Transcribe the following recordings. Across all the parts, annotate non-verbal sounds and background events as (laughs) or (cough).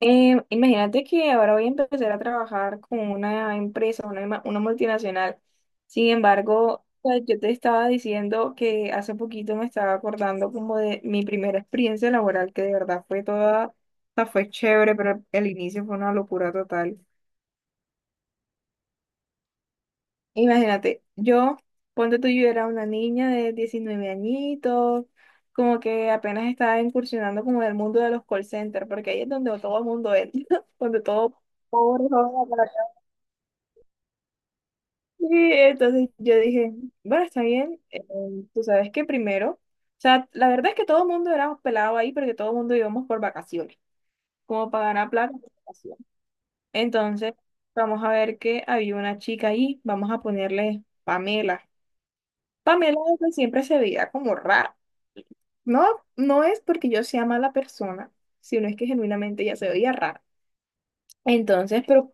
Imagínate que ahora voy a empezar a trabajar con una empresa, una, una multinacional. Sin embargo, pues, yo te estaba diciendo que hace poquito me estaba acordando como de mi primera experiencia laboral, que de verdad fue toda, o sea, fue chévere, pero el inicio fue una locura total. Imagínate, yo, ponte tú, yo era una niña de 19 añitos, como que apenas estaba incursionando como en el mundo de los call centers, porque ahí es donde todo el mundo entra, (laughs) donde todo... Pobre joven. Sí, entonces yo dije, bueno, está bien, tú sabes que primero, o sea, la verdad es que todo el mundo éramos pelados ahí porque todo el mundo íbamos por vacaciones, como para ganar plata por vacaciones. Entonces, vamos a ver que había una chica ahí, vamos a ponerle Pamela. Pamela desde siempre se veía como rara. No, no es porque yo sea mala persona, sino es que genuinamente ella se veía rara. Entonces, pero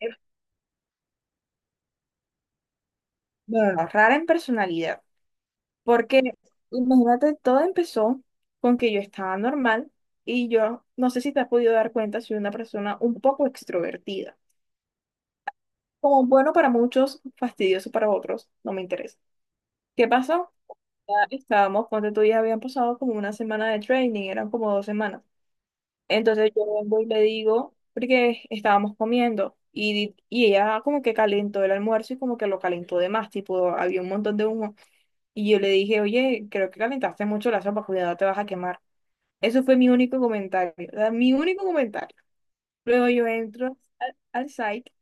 eh, bueno, rara en personalidad. Porque imagínate, todo empezó con que yo estaba normal y yo no sé si te has podido dar cuenta, soy una persona un poco extrovertida. Como bueno para muchos, fastidioso para otros, no me interesa. ¿Qué pasó? Ya estábamos, ponte tú, ya habían pasado como una semana de training, eran como dos semanas. Entonces yo vengo y le digo, porque estábamos comiendo y, y ella como que calentó el almuerzo y como que lo calentó de más, tipo había un montón de humo. Y yo le dije, oye, creo que calentaste mucho la sopa, cuidado, te vas a quemar. Eso fue mi único comentario, o sea, mi único comentario. Luego yo entro al site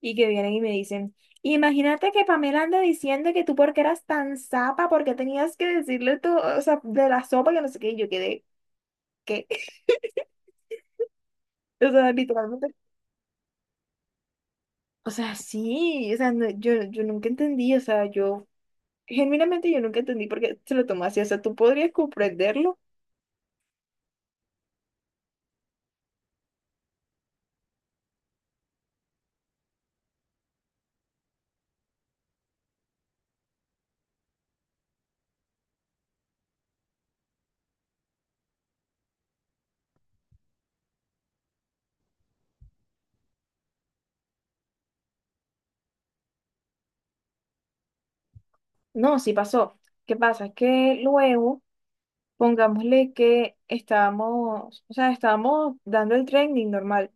y que vienen y me dicen, imagínate que Pamela anda diciendo que tú porque eras tan zapa, porque tenías que decirle tú, o sea, de la sopa que no sé qué, y yo quedé, ¿qué? (laughs) O sea, literalmente. O sea, sí, o sea, yo, yo nunca entendí, o sea, yo, genuinamente yo nunca entendí por qué se lo tomó así, o sea, tú podrías comprenderlo. No, sí pasó. ¿Qué pasa? Que luego... Pongámosle que estábamos, o sea, estábamos dando el training normal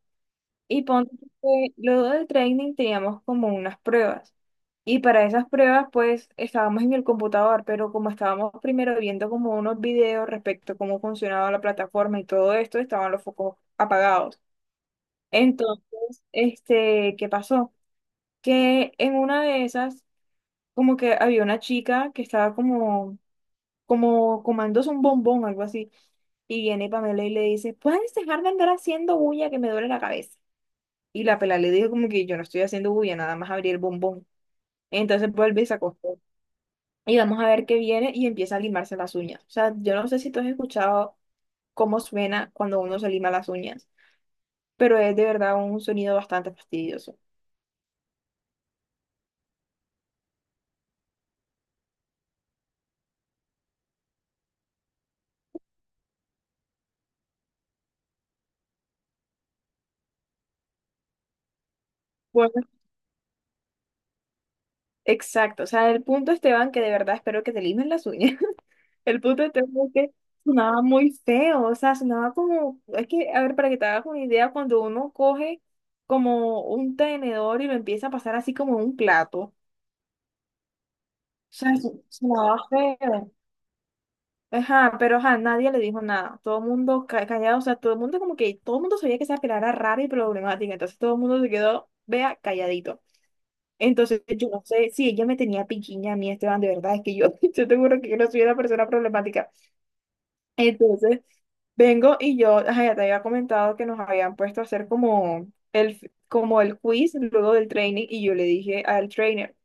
y ponte que luego del training teníamos como unas pruebas y para esas pruebas pues estábamos en el computador, pero como estábamos primero viendo como unos videos respecto a cómo funcionaba la plataforma y todo esto, estaban los focos apagados. Entonces, este, ¿qué pasó? Que en una de esas como que había una chica que estaba como comándose un bombón, algo así. Y viene Pamela y le dice, ¿puedes dejar de andar haciendo bulla que me duele la cabeza? Y la pela le dijo como que yo no estoy haciendo bulla, nada más abrí el bombón. Entonces vuelve y se acostó. Y vamos a ver qué viene y empieza a limarse las uñas. O sea, yo no sé si tú has escuchado cómo suena cuando uno se lima las uñas, pero es de verdad un sonido bastante fastidioso. Bueno. Exacto, o sea, el punto, Esteban, que de verdad espero que te limen las uñas. El punto de tema es que sonaba muy feo, o sea, sonaba como, es que, a ver, para que te hagas una idea, cuando uno coge como un tenedor y lo empieza a pasar así como en un plato, o sea, sonaba feo. Ajá, pero ajá, nadie le dijo nada, todo el mundo callado, o sea, todo el mundo como que, todo el mundo sabía que esa pelada era rara y problemática, entonces todo el mundo se quedó, vea, calladito. Entonces, yo no sé si ella me tenía piquiña a mí, Esteban, de verdad, es que yo, (laughs) yo te juro que yo no soy una persona problemática. Entonces, vengo y yo, ajá, ya te había comentado que nos habían puesto a hacer como el quiz luego del training y yo le dije al trainer,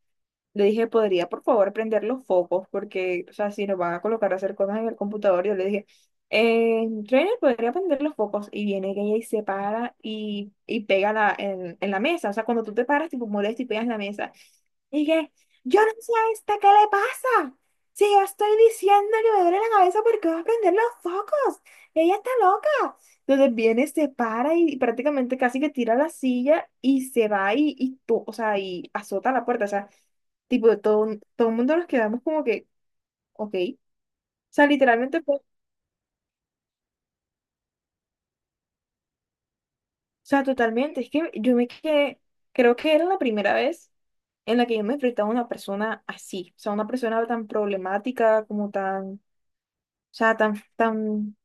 le dije, ¿podría por favor prender los focos? Porque, o sea, si nos van a colocar a hacer cosas en el computador, yo le dije, trainer, ¿podría prender los focos? Y viene ella y se para y pega la, en la mesa. O sea, cuando tú te paras, tipo molesta y pegas la mesa. Y que, yo no sé a esta, ¿qué le pasa? Si yo estoy diciendo que me duele la cabeza porque va a prender los focos. Ella está loca. Entonces viene, se para y prácticamente casi que tira la silla y se va y o sea, y azota la puerta. O sea, tipo, todo, todo el mundo nos quedamos como que, ok. O sea, literalmente fue, o sea, totalmente. Es que yo me quedé, creo que era la primera vez en la que yo me enfrentaba a una persona así. O sea, una persona tan problemática, como tan. O sea, tan,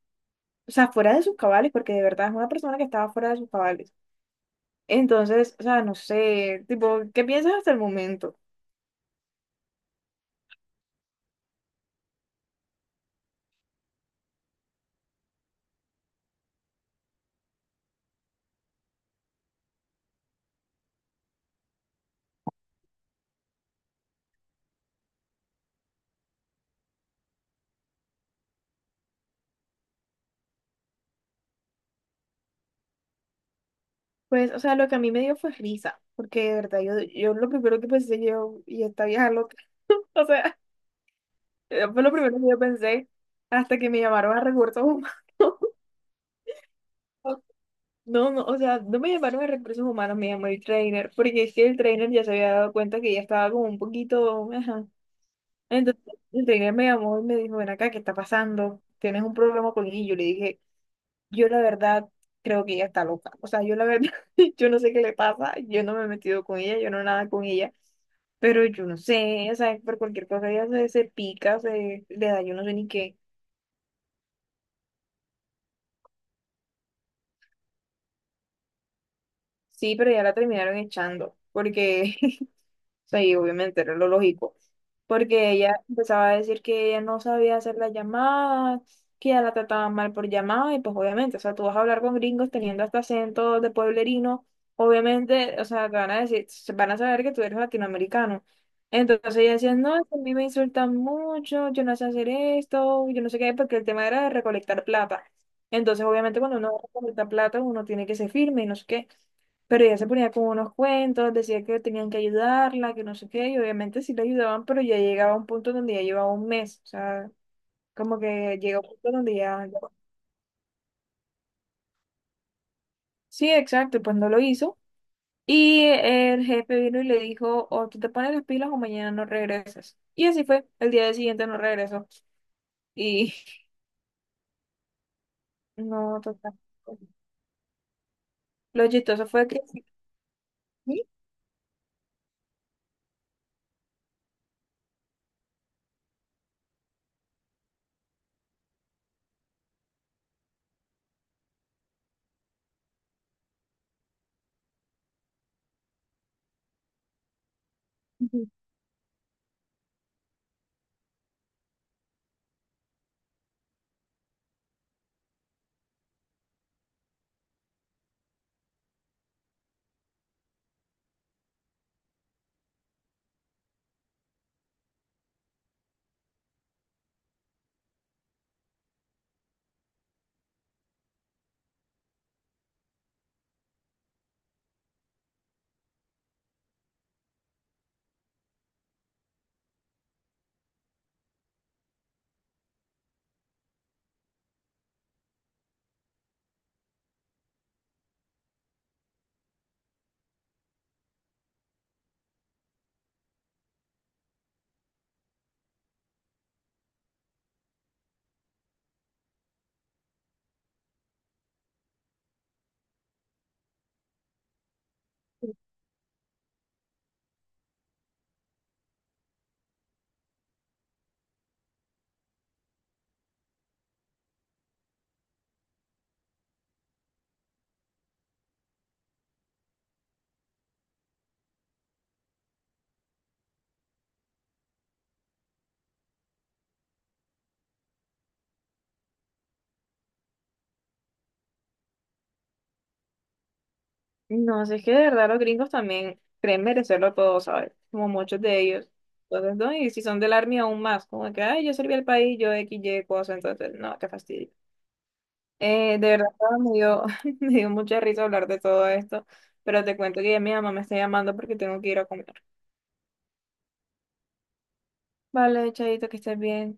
o sea, fuera de sus cabales, porque de verdad es una persona que estaba fuera de sus cabales. Entonces, o sea, no sé, tipo, ¿qué piensas hasta el momento? Pues, o sea, lo que a mí me dio fue risa, porque de verdad, yo lo primero que pensé yo, y esta vieja loca, (laughs) o sea, fue lo primero que yo pensé hasta que me llamaron a recursos humanos. (laughs) No, no, o sea, no me llamaron a recursos humanos, me llamó el trainer, porque es que el trainer ya se había dado cuenta que ya estaba como un poquito, ajá. Entonces el trainer me llamó y me dijo, ven acá, ¿qué está pasando? ¿Tienes un problema con ella? Y yo le dije, yo la verdad creo que ella está loca. O sea, yo la verdad, (laughs) yo no sé qué le pasa, yo no me he metido con ella, yo no nada con ella, pero yo no sé, o sea, por cualquier cosa ella se, se pica, se le da, yo no sé ni qué. Sí, pero ya la terminaron echando, porque sea, y obviamente era lo lógico, porque ella empezaba a decir que ella no sabía hacer las llamadas, que ya la trataban mal por llamada, y pues obviamente, o sea, tú vas a hablar con gringos teniendo hasta acento de pueblerino, obviamente, o sea, te van a decir, se van a saber que tú eres latinoamericano. Entonces ella decía, no, es que a mí me insultan mucho, yo no sé hacer esto, yo no sé qué, porque el tema era de recolectar plata. Entonces, obviamente, cuando uno recolecta plata, uno tiene que ser firme y no sé qué. Pero ella se ponía con unos cuentos, decía que tenían que ayudarla, que no sé qué, y obviamente sí la ayudaban, pero ya llegaba a un punto donde ya llevaba 1 mes, o sea, como que llega un punto donde ya... Sí, exacto, pues no lo hizo. Y el jefe vino y le dijo, o tú te pones las pilas o mañana no regresas. Y así fue, el día siguiente no regresó. Y (laughs) no, total. Lo chistoso fue que... (laughs) No, sé es que de verdad los gringos también creen merecerlo todo, ¿sabes? Como muchos de ellos. Entonces, no, y si son del Army aún más, como que, ay, yo serví al país, yo X, Y, cosa, entonces, no, qué fastidio. De verdad, me dio, (laughs) me dio mucha risa hablar de todo esto, pero te cuento que ya mi mamá me está llamando porque tengo que ir a comer. Vale, Chaito, que estés bien.